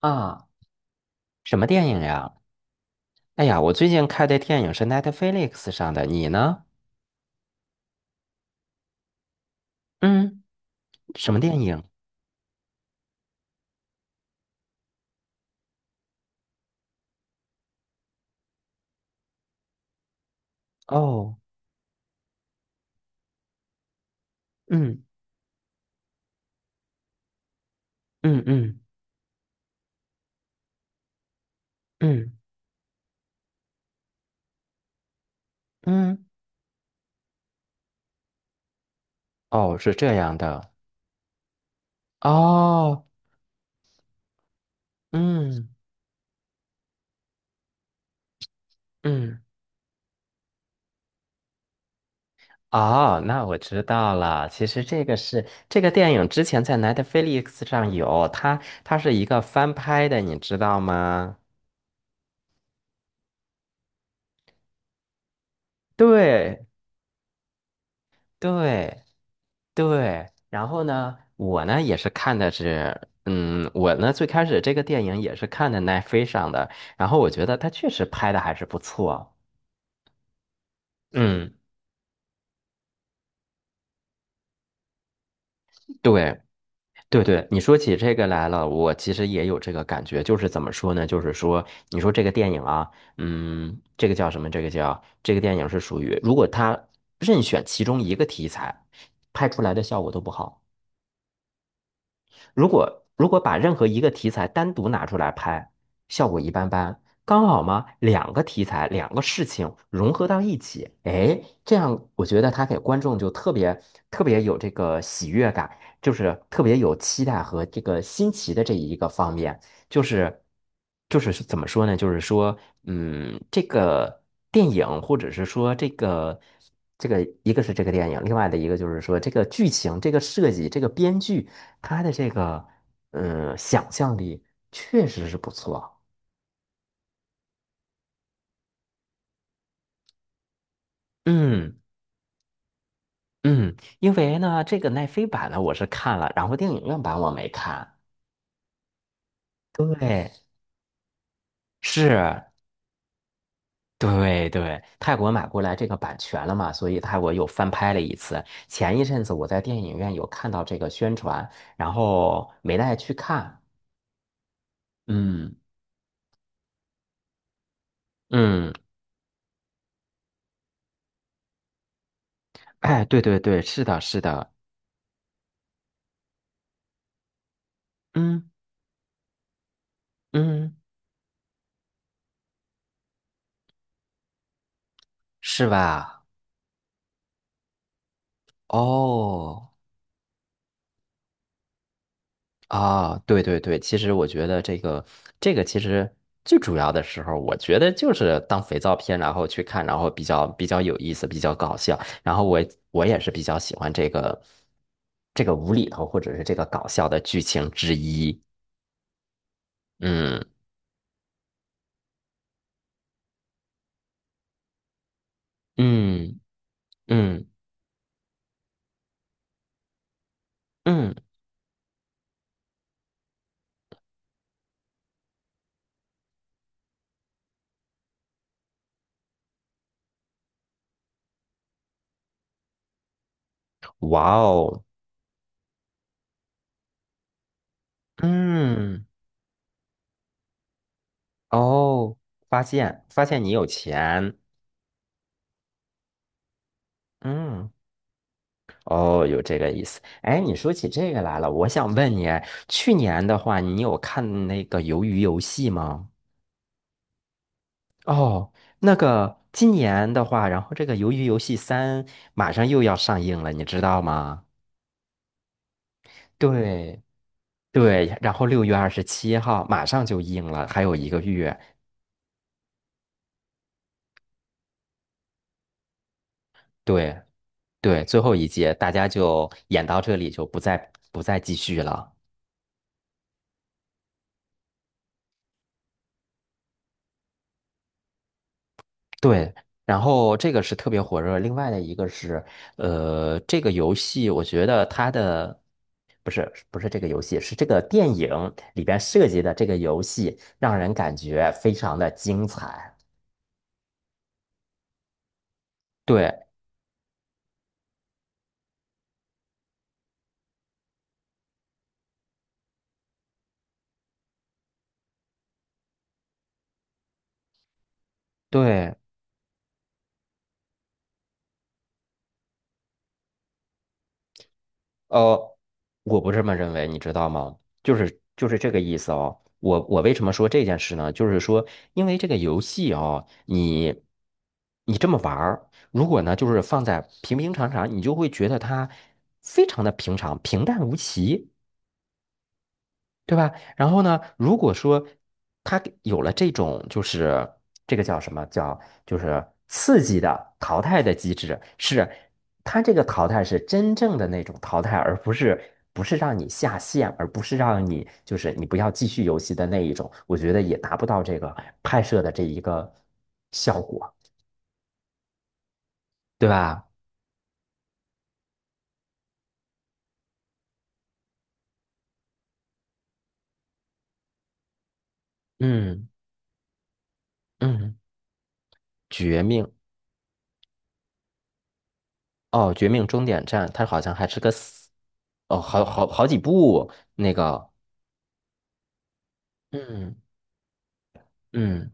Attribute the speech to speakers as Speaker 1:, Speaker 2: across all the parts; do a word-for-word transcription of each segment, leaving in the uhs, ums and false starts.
Speaker 1: 啊，什么电影呀？哎呀，我最近看的电影是 Netflix 上的，你呢？嗯，什么电影？哦，嗯嗯嗯嗯嗯，哦，是这样的。哦，嗯嗯，哦，那我知道了。其实这个是这个电影之前在 Netflix 上有，它它是一个翻拍的，你知道吗？对，对。对，然后呢，我呢也是看的是，嗯，我呢最开始这个电影也是看的奈飞上的，然后我觉得他确实拍的还是不错。嗯，对，对对，你说起这个来了，我其实也有这个感觉，就是怎么说呢？就是说，你说这个电影啊，嗯，这个叫什么？这个叫这个电影是属于，如果他任选其中一个题材，拍出来的效果都不好。如果如果把任何一个题材单独拿出来拍，效果一般般。刚好嘛，两个题材，两个事情融合到一起，哎，这样我觉得他给观众就特别特别有这个喜悦感，就是特别有期待和这个新奇的这一个方面，就是就是是怎么说呢？就是说，嗯，这个电影或者是说这个这个，一个是这个电影，另外的一个就是说这个剧情、这个设计、这个编剧。他的这个呃想象力确实是不错。嗯嗯，因为呢，这个奈飞版呢我是看了，然后电影院版我没看。对，是，对对，泰国买过来这个版权了嘛，所以泰国又翻拍了一次。前一阵子我在电影院有看到这个宣传，然后没带去看。嗯嗯，哎，对对对，是的，是的，嗯嗯，是吧？哦。啊，对对对，其实我觉得这个这个其实最主要的时候，我觉得就是当肥皂片，然后去看，然后比较比较有意思，比较搞笑。然后我我也是比较喜欢这个这个无厘头或者是这个搞笑的剧情之一。嗯嗯嗯嗯，哇哦，嗯哦，发现发现你有钱，嗯。哦，有这个意思。哎，你说起这个来了，我想问你，去年的话，你有看那个《鱿鱼游戏》吗？哦，那个今年的话，然后这个《鱿鱼游戏三》马上又要上映了，你知道吗？对对，然后六月二十七号马上就映了，还有一个月。对对，最后一届大家就演到这里，就不再不再继续了。对，然后这个是特别火热，另外的一个是，呃，这个游戏我觉得它的不是不是这个游戏，是这个电影里边设计的这个游戏，让人感觉非常的精彩。对对，呃，我不这么认为，你知道吗？就是就是这个意思哦。我我为什么说这件事呢？就是说，因为这个游戏哦，你你这么玩儿，如果呢，就是放在平平常常，你就会觉得它非常的平常、平淡无奇。对吧？然后呢，如果说他给有了这种，就是这个叫什么叫，就是刺激的淘汰的机制，是他这个淘汰是真正的那种淘汰，而不是不是让你下线，而不是让你就是你不要继续游戏的那一种，我觉得也达不到这个拍摄的这一个效果，对吧？嗯嗯，绝命哦，绝命终点站，它好像还是个死哦，好好好几部那个。嗯嗯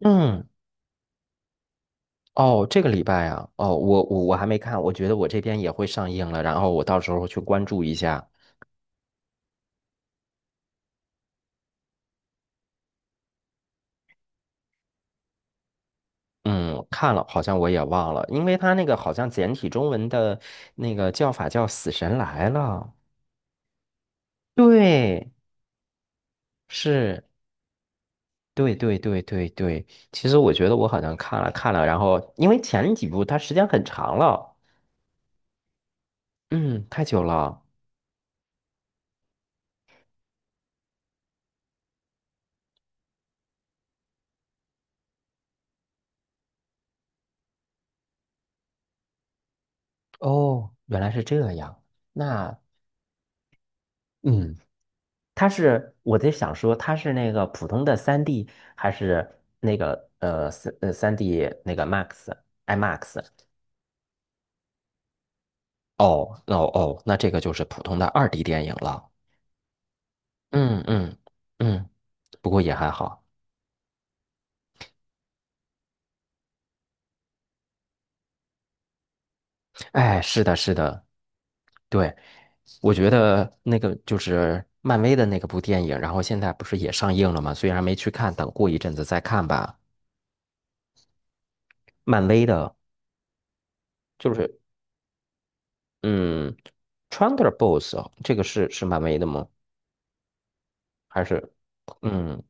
Speaker 1: 嗯，哦，这个礼拜啊，哦，我我我还没看，我觉得我这边也会上映了，然后我到时候去关注一下。嗯，看了，好像我也忘了，因为他那个好像简体中文的那个叫法叫《死神来了》。对，是，对对对对对。其实我觉得我好像看了看了，然后因为前几部它时间很长了，嗯，太久了。哦，原来是这样。那。嗯。它是我在想说，它是那个普通的三 d 还是那个呃三呃三 d 那个 Max IMAX？哦，那哦哦，那这个就是普通的二 D 电影了。嗯嗯嗯，不过也还好。哎，是的，是的，对，我觉得那个就是漫威的那个部电影，然后现在不是也上映了吗？虽然没去看，等过一阵子再看吧。漫威的，就是嗯，Thunderbolts 哦这个是是漫威的吗？还是，嗯，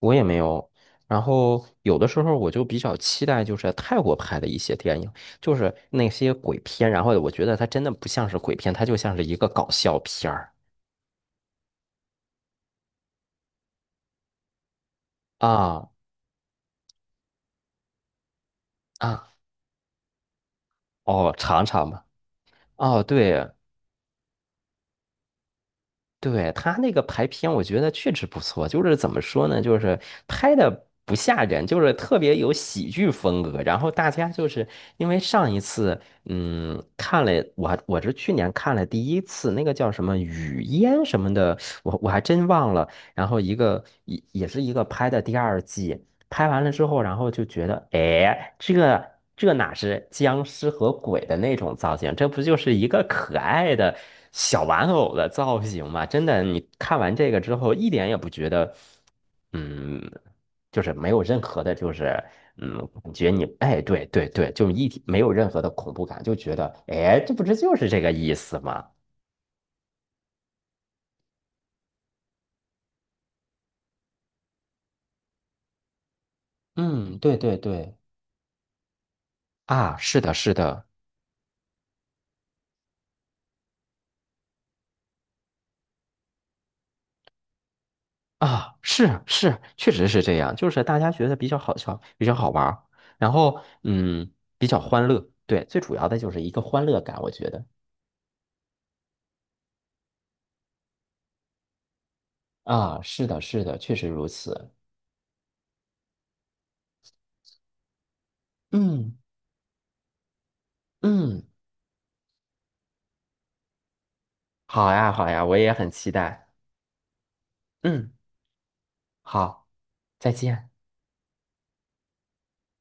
Speaker 1: 我也没有。然后有的时候我就比较期待，就是泰国拍的一些电影，就是那些鬼片。然后我觉得它真的不像是鬼片，它就像是一个搞笑片儿啊啊哦，尝尝吧。哦，对，对，他那个排片，我觉得确实不错。就是怎么说呢，就是拍的不吓人，就是特别有喜剧风格。然后大家就是因为上一次，嗯，看了我我是去年看了第一次那个叫什么雨烟什么的，我我还真忘了。然后一个也也是一个拍的第二季，拍完了之后，然后就觉得，哎，这个这哪是僵尸和鬼的那种造型，这不就是一个可爱的小玩偶的造型吗？真的，你看完这个之后，一点也不觉得，嗯，就是没有任何的，就是嗯，感觉你，哎，对对对，就一体没有任何的恐怖感，就觉得，哎，这不是就是这个意思吗？嗯，对对对，啊，是的，是的。啊，是是，确实是这样，就是大家觉得比较好笑，比较好玩儿然后嗯，比较欢乐，对，最主要的就是一个欢乐感，我觉得啊，是的，是的，确实如此，嗯嗯，好呀，好呀，我也很期待，嗯，好，再见。